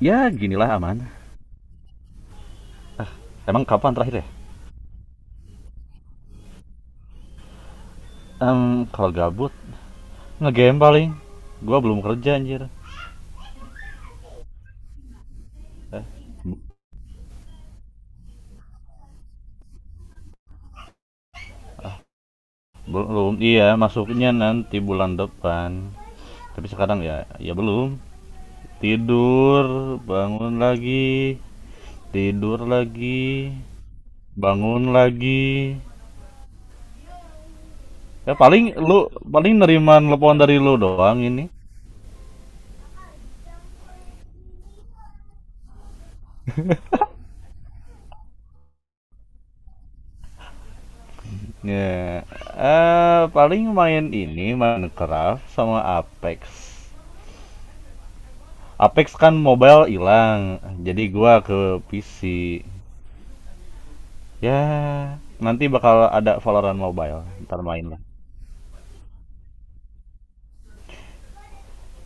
Ya ginilah aman. Emang kapan terakhir ya? Kalau gabut ngegame paling. Gua belum kerja anjir. Belum. Iya, masuknya nanti bulan depan. Tapi sekarang ya belum. Tidur, bangun lagi. Tidur lagi, bangun lagi. Ya paling lu paling nerima telepon dari lu doang ini. Ya, paling main ini Minecraft sama Apex. Apex kan mobile hilang, jadi gua ke PC. Ya, nanti bakal ada Valorant mobile, ntar main lah.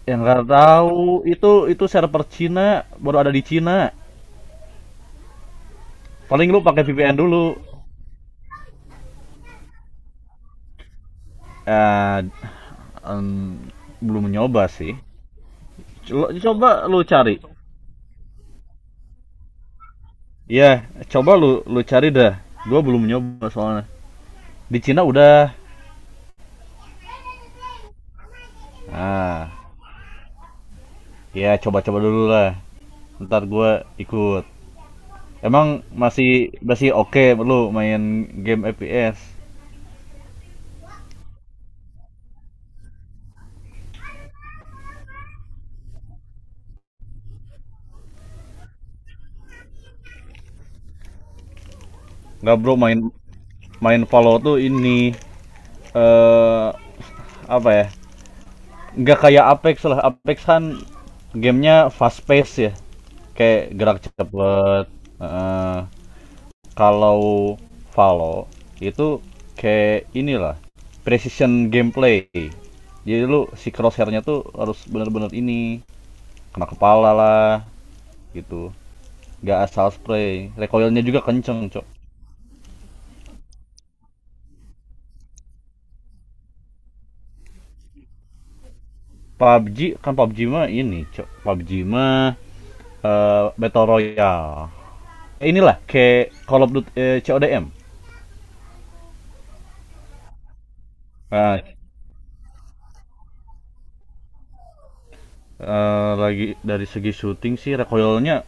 Yang nggak tahu itu server Cina, baru ada di Cina. Paling lu pakai VPN dulu. Eh, em, Belum nyoba sih. Coba lu cari. Iya, coba lu lu cari dah. Gua belum nyoba soalnya. Di Cina udah. Nah, ya coba-coba dulu lah. Ntar gua ikut. Emang masih masih oke okay, lu main game FPS? Nggak bro main main Valor tuh ini eh apa ya? Nggak kayak Apex lah. Apex kan gamenya fast pace ya. Kayak gerak cepet. Eh, Kalau Valor itu kayak inilah precision gameplay. Jadi lu si crosshairnya tuh harus bener-bener ini kena kepala lah gitu. Nggak asal spray, recoilnya juga kenceng cok. PUBG kan, PUBG mah ini cok. PUBG mah, battle royale. Inilah kayak Call of Duty, CODM. Nah, lagi dari segi shooting sih recoilnya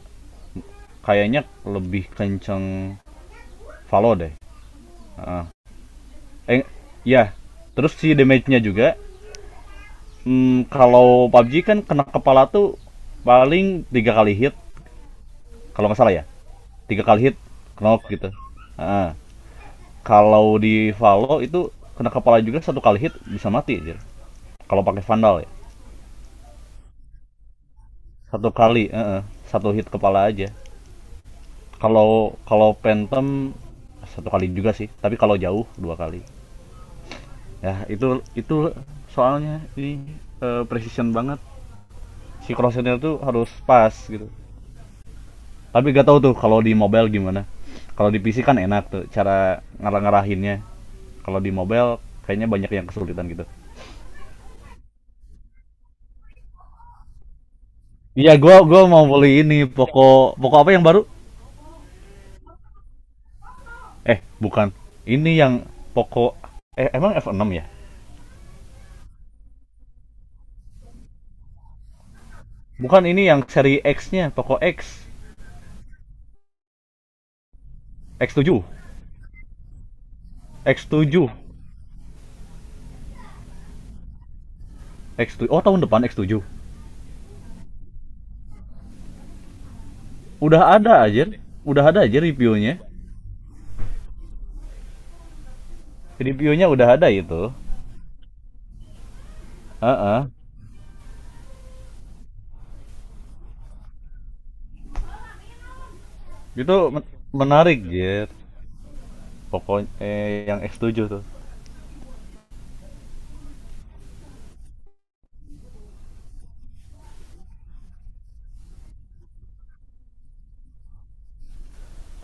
kayaknya lebih kenceng Valo deh, eh ya, terus si damage-nya juga. Kalau PUBG kan kena kepala tuh paling tiga kali hit kalau nggak salah ya. Tiga kali hit knock gitu. Ah. Kalau di Valo itu kena kepala juga satu kali hit bisa mati anjir. Kalau pakai Vandal ya. Satu kali, satu hit kepala aja. Kalau kalau Phantom satu kali juga sih, tapi kalau jauh dua kali. Ya, itu soalnya ini precision banget. Si crosshair tuh harus pas gitu. Tapi gak tahu tuh kalau di mobile gimana. Kalau di PC kan enak tuh cara ngarah-ngarahinnya. Kalau di mobile kayaknya banyak yang kesulitan gitu. Iya, gua mau beli ini Poco Poco apa yang baru? Eh, bukan. Ini yang Poco emang F6 ya? Bukan ini yang seri X-nya, Poco X. x tujuh x tujuh X tujuh. Oh, tahun depan X7. Udah ada aja. Udah ada aja reviewnya. Reviewnya udah ada itu. Heeh. Uh-uh. Itu menarik, Jir. Poco, yang X7 tuh.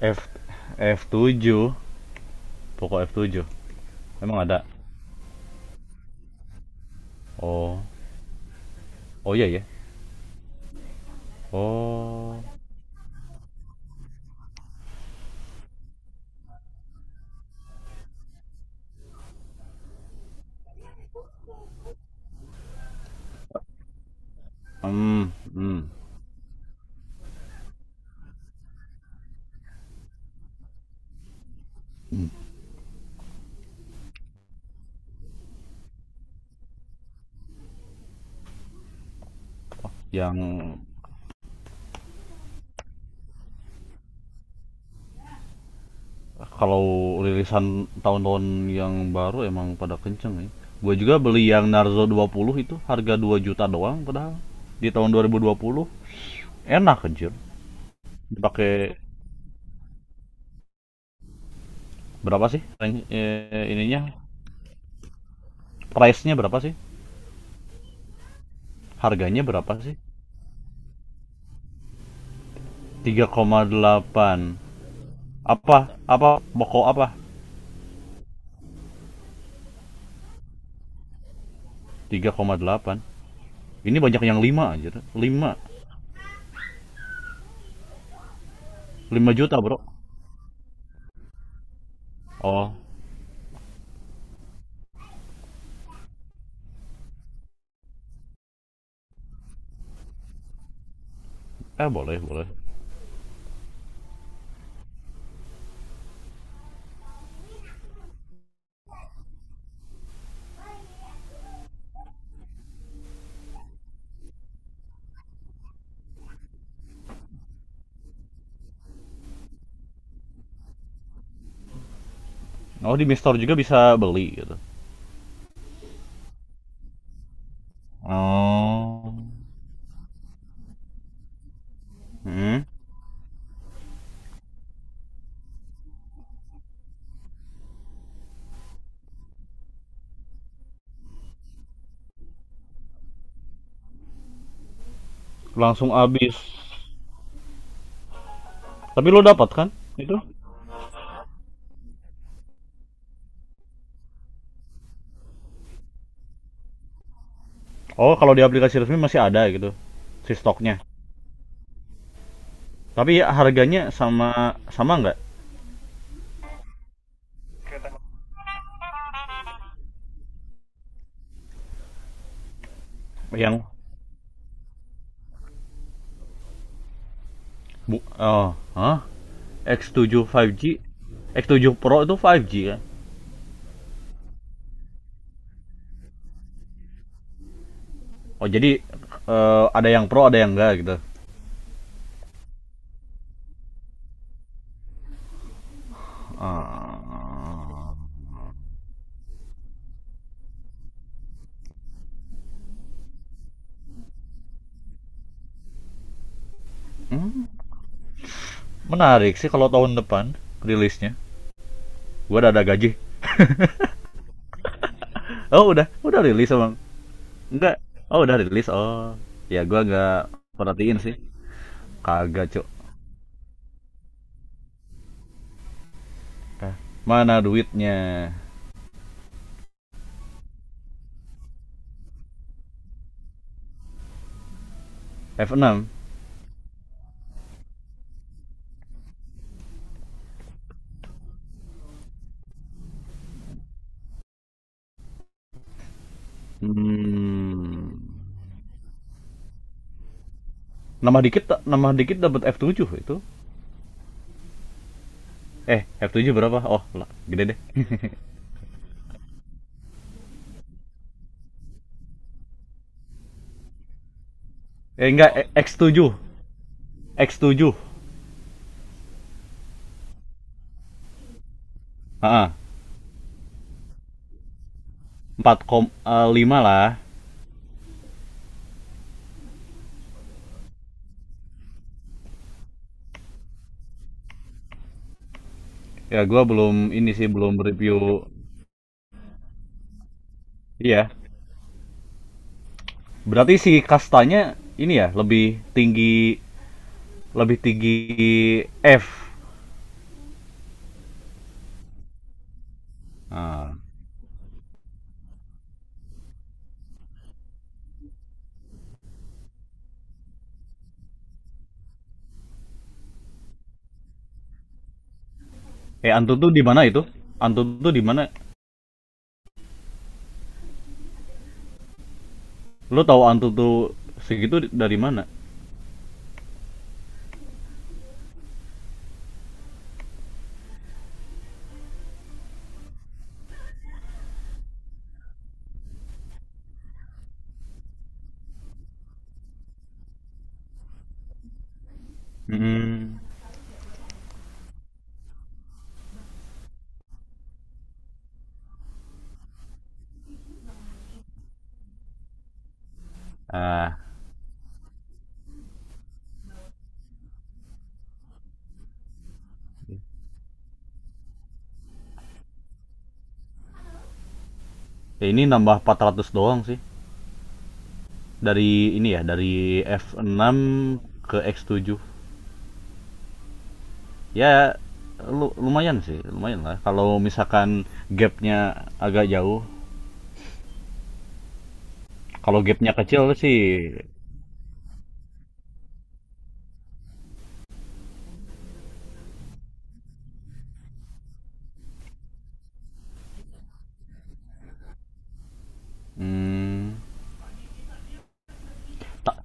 F F7, Poco F7. Emang ada. Oh. Oh iya ya. Oh. Mhm. Yang kalau rilisan tahun-tahun yang baru emang pada kenceng ya. Gua juga beli yang Narzo 20 itu harga 2 juta doang padahal, di tahun dua dua ribu dua puluh. Enak anjir, dipakai berapa sih range, ininya, price-nya berapa sih? Harganya berapa sih? 3,8 apa apa pokok apa? 3,8. Ini banyak yang 5 anjir. Lima 5 juta Bro. Oh, boleh boleh. Oh, di Mistor juga bisa beli gitu. Oh. Hmm. Langsung habis. Tapi lo dapat kan itu? Oh, kalau di aplikasi resmi masih ada gitu si stoknya. Tapi ya, harganya sama sama nggak. Yang oh, hah? X7 5G, X7 Pro itu 5G kan? Oh jadi, ada yang Pro ada yang enggak gitu. Ah. Hmm, Menarik sih kalau tahun depan rilisnya. Gua udah ada gaji. Oh, udah rilis emang. Enggak. Oh, udah rilis. Oh. Ya gua nggak perhatiin sih. Kagak, Cuk. Hah? Mana duitnya? F6. Hmm. Nambah dikit, nambah dikit dapat F7 itu. Eh, F7 berapa? Oh, lah, gede deh. Eh enggak, x tujuh. X7. Heeh. 4,5 lah. Ya gua belum ini sih belum review. Iya. Berarti si kastanya ini ya lebih tinggi, lebih tinggi F. Eh, Antutu di mana itu? Antutu di mana? Lo tahu Antutu segitu dari mana? Hmm. Ah, ya ini nambah 400 doang sih. Dari ini ya, dari F6 ke X7. Ya lu, lumayan sih, lumayan lah. Kalau misalkan gapnya agak jauh, kalau gapnya kecil sih. hmm, ta-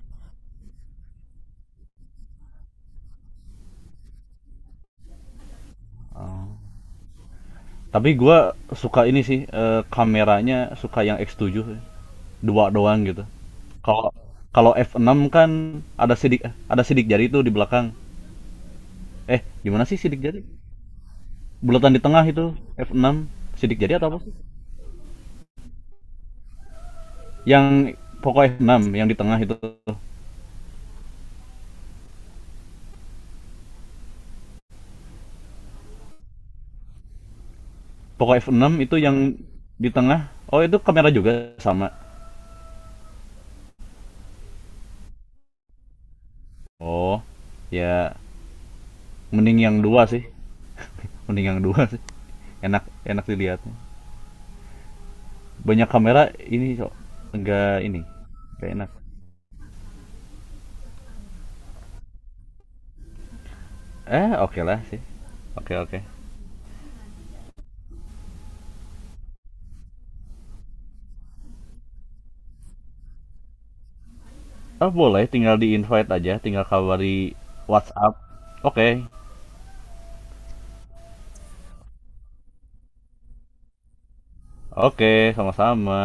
Tapi gue suka ini sih, kameranya suka yang X7 2 doang gitu. Kalau kalau F6 kan ada sidik ada sidik jari itu di belakang. Eh, gimana sih sidik jari? Bulatan di tengah itu, F6. Sidik jari atau apa sih? Yang Poco F6 yang di tengah itu. Poco F6 itu yang di tengah. Oh, itu kamera juga sama. Oh, ya mending yang 2 sih. Mending yang 2 sih. Enak enak dilihatnya. Banyak kamera ini kok enggak ini kayak enak, oke okay lah sih. Oke okay, oke. Ah boleh, tinggal di invite aja, tinggal kabari WhatsApp. Oke okay. Oke okay, sama-sama.